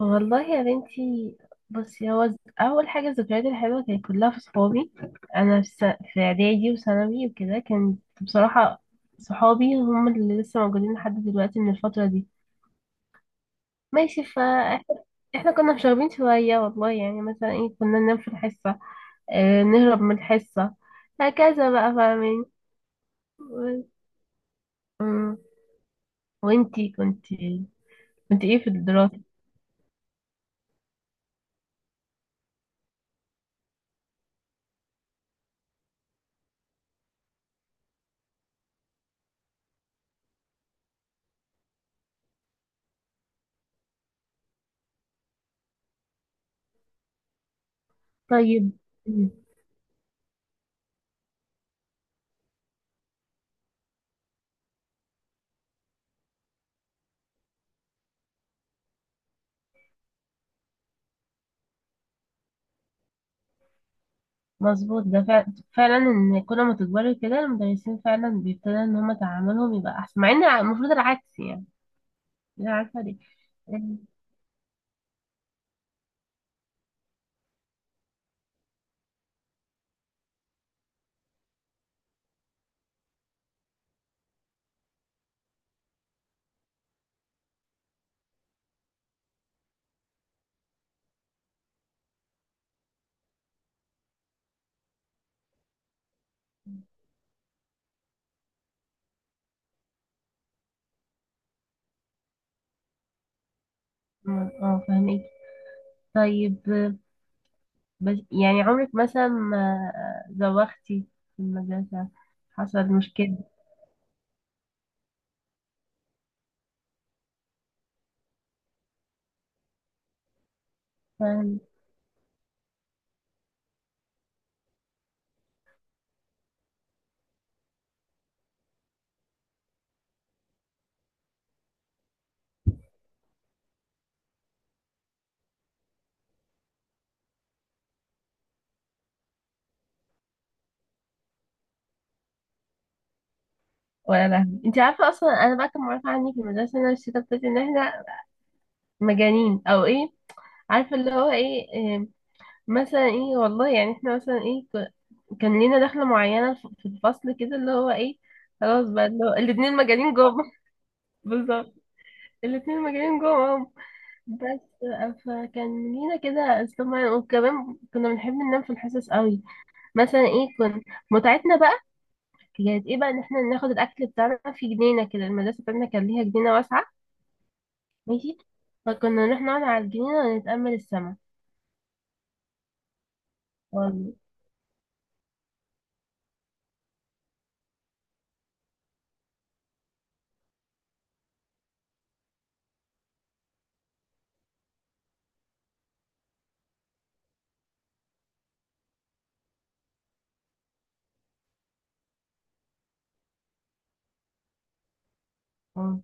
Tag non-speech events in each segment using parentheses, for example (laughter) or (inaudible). والله يا بنتي. بصي، هو اول حاجه الذكريات الحلوه كانت كلها في صحابي. انا في س- في اعدادي وثانوي وكده كانت بصراحه صحابي هم اللي لسه موجودين لحد دلوقتي من الفتره دي. ماشي. احنا كنا مشاغبين شويه والله، يعني مثلا ايه كنا ننام في الحصه، اه نهرب من الحصه، هكذا بقى، فاهمين. و- مم. وانتي كنتي كنت ايه في الدراسه؟ طيب. مظبوط، ده فعلا ان كل ما تكبري كده المدرسين فعلا بيبتدوا ان هما تعاملهم يبقى احسن، مع ان المفروض العكس يعني. انا عارفه ليه. اه، فاهمك. طيب، بس يعني عمرك مثلا ما زوختي في المدرسه، حصل مشكله؟ فاهم. ولا لا، انت عارفه اصلا انا بقى كان معروف عني في المدرسه ان انا الشتا بتاعتي ان احنا مجانين او ايه. عارفه اللي هو ايه، مثلا ايه والله، يعني احنا مثلا ايه، كان لينا دخلة معينة في الفصل كده اللي هو ايه، خلاص بقى اللي هو الاتنين مجانين جوه (laughs) بالظبط، الاتنين مجانين جوه. بس آه، فكان لينا كده اسلوب. وكمان كنا بنحب ننام في الحصص قوي، مثلا ايه متعتنا بقى كانت ايه بقى، ان احنا ناخد الاكل بتاعنا في جنينة كده. المدرسة بتاعتنا كان ليها جنينة واسعة، ماشي. فكنا نروح نقعد على الجنينة ونتأمل السما. والله. آه.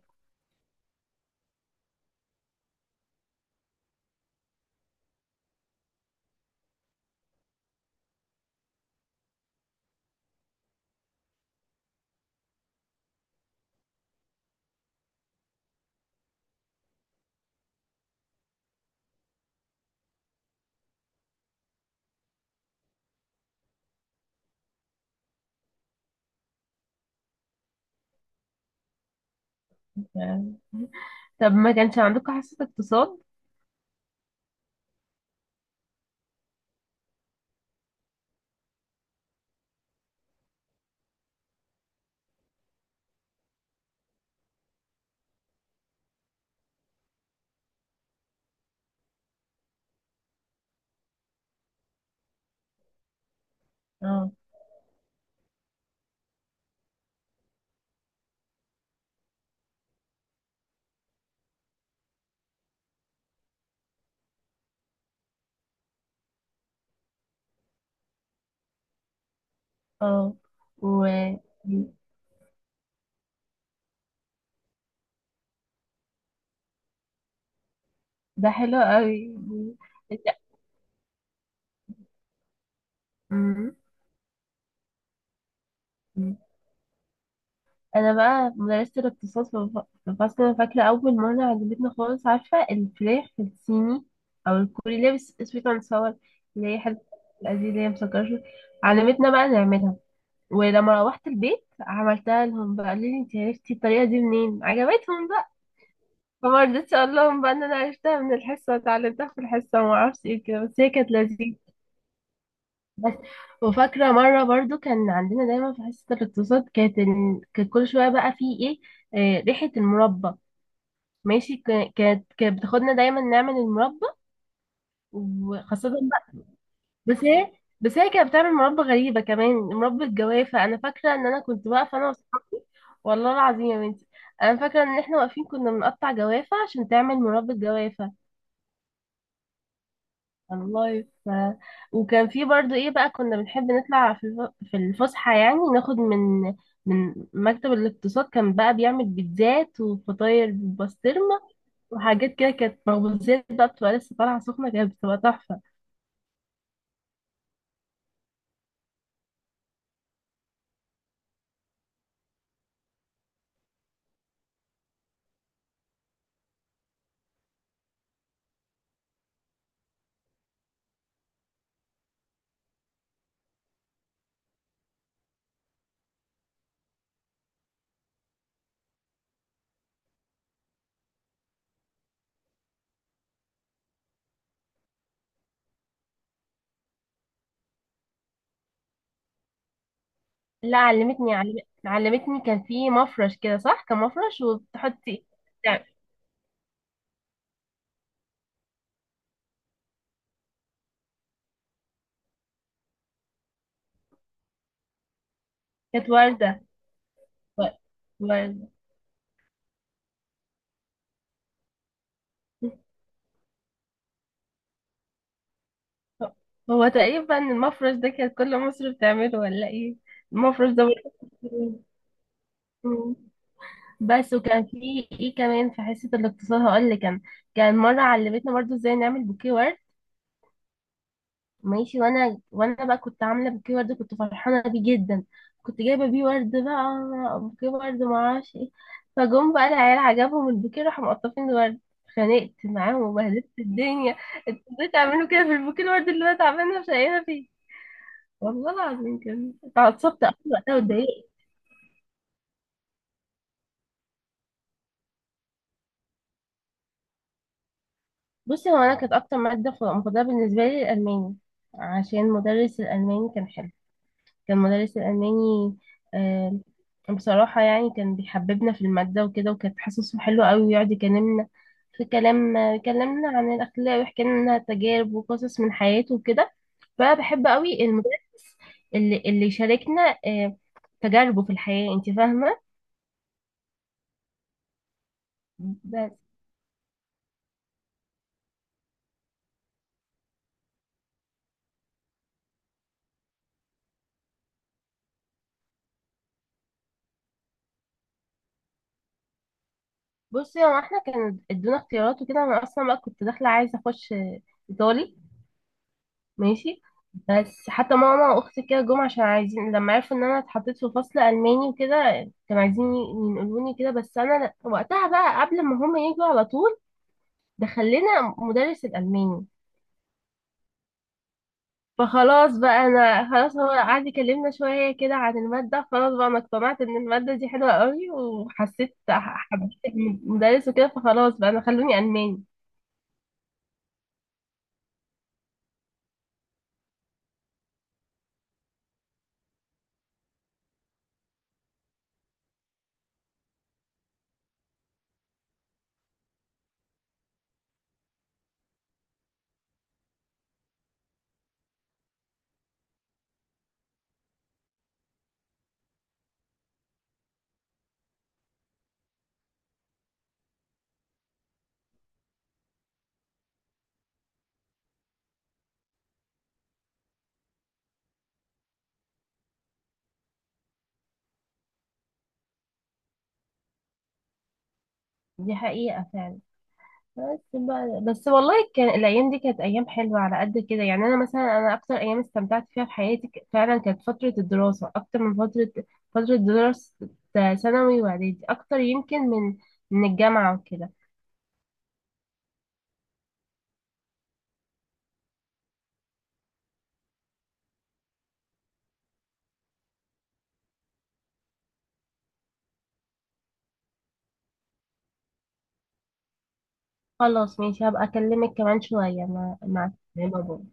طب ما كانش عندكم حصة اقتصاد؟ اه، اه. و، ده حلو قوي. انت. مم. مم. انا بقى مدرسة الاقتصاد في في فصل، أنا فاكرة اول مرة عجبتنا خالص، عارفة الفراخ في الصيني او الكوري اللي هي sweet and sour، اللي هي حلوة، دي اللي هي مسكرة شوية. علمتنا بقى نعملها، ولما روحت البيت عملتها لهم بقى قالوا لي انت عرفتي الطريقة دي منين، عجبتهم بقى. فما رضيتش اقول لهم بقى ان انا عرفتها من الحصة، اتعلمتها في الحصة وما اعرفش ايه كده، بس هي كانت لذيذة. بس، وفاكرة مرة برضو كان عندنا دايما في حصة الاقتصاد كانت كانت كل شوية بقى في ايه، آه، ريحة المربى. ماشي، كانت بتاخدنا دايما نعمل المربى، وخاصة بقى، بس هي بس هي كانت بتعمل مربى غريبة كمان، مربى الجوافة، أنا فاكرة إن أنا كنت واقفة أنا وأصحابي، والله العظيم يا بنتي، أنا فاكرة إن إحنا واقفين كنا بنقطع جوافة عشان تعمل مربى الجوافة. والله ف... وكان في برضو ايه بقى، كنا بنحب نطلع في في الفسحة، يعني ناخد من من مكتب الاقتصاد، كان بقى بيعمل بيتزات وفطاير بالبسطرمة وحاجات كده، كانت مخبوزات بقى بتبقى لسه طالعة سخنة، كانت بتبقى تحفة. لا علمتني علم... علمتني كان في مفرش كده، صح، كان مفرش وبتحطي يعني كانت وردة، و... وردة. هو تقريبا المفرش ده كانت كل مصر بتعمله ولا ايه؟ المفرش ده. برضه، بس وكان في ايه كمان في حصة الاقتصاد هقول لك، كان كان مرة علمتنا برضو ازاي نعمل بوكيه ورد، ماشي. وانا بقى كنت عاملة بوكيه ورد كنت فرحانة بيه جدا، كنت جايبة بيه ورد بقى بوكيه ورد معرفش ايه، فجم بقى العيال عجبهم البوكيه راحوا مقطفين الورد، اتخانقت معاهم وبهدلت الدنيا. انتوا ازاي تعملوا كده في البوكيه الورد اللي انا تعبانة مش لاقيها فيه؟ والله العظيم كان اتعصبت أوي وقتها واتضايقت. بصي هو انا كانت اكتر ماده مفضله بالنسبه لي الالماني، عشان مدرس الالماني كان حلو. كان مدرس الالماني، آه، بصراحه يعني كان بيحببنا في الماده وكده، وكانت حصصه حلوه قوي، ويقعد يكلمنا في كلام، يكلمنا عن الاخلاق ويحكي لنا تجارب وقصص من حياته وكده. فانا بحب قوي المدرس اللي شاركنا آه تجاربه في الحياه، انت فاهمه. بس بصي، هو احنا كان ادونا اختيارات وكده، انا اصلا بقى كنت داخله عايزه اخش آه، ايطالي، ماشي. بس حتى ماما واختي كده جم عشان عايزين، لما عرفوا ان انا اتحطيت في فصل الماني وكده كانوا عايزين ينقلوني كده، بس انا وقتها بقى قبل ما هم يجوا على طول دخلنا مدرس الالماني. فخلاص بقى انا خلاص، هو قعد يكلمنا شويه كده عن الماده، خلاص بقى انا اقتنعت ان الماده دي حلوه قوي، وحسيت حبيت المدرس وكده، فخلاص بقى انا خلوني الماني. دي حقيقه فعلا. بس بقى، بس والله كان الايام دي كانت ايام حلوه على قد كده، يعني انا مثلا انا اكتر ايام استمتعت فيها في حياتي فعلا كانت فتره الدراسه اكتر من فتره، فتره دراسه ثانوي واعدادي اكتر يمكن من من الجامعه وكده. خلاص ماشي، هبقى اكلمك كمان شويه مع بابا.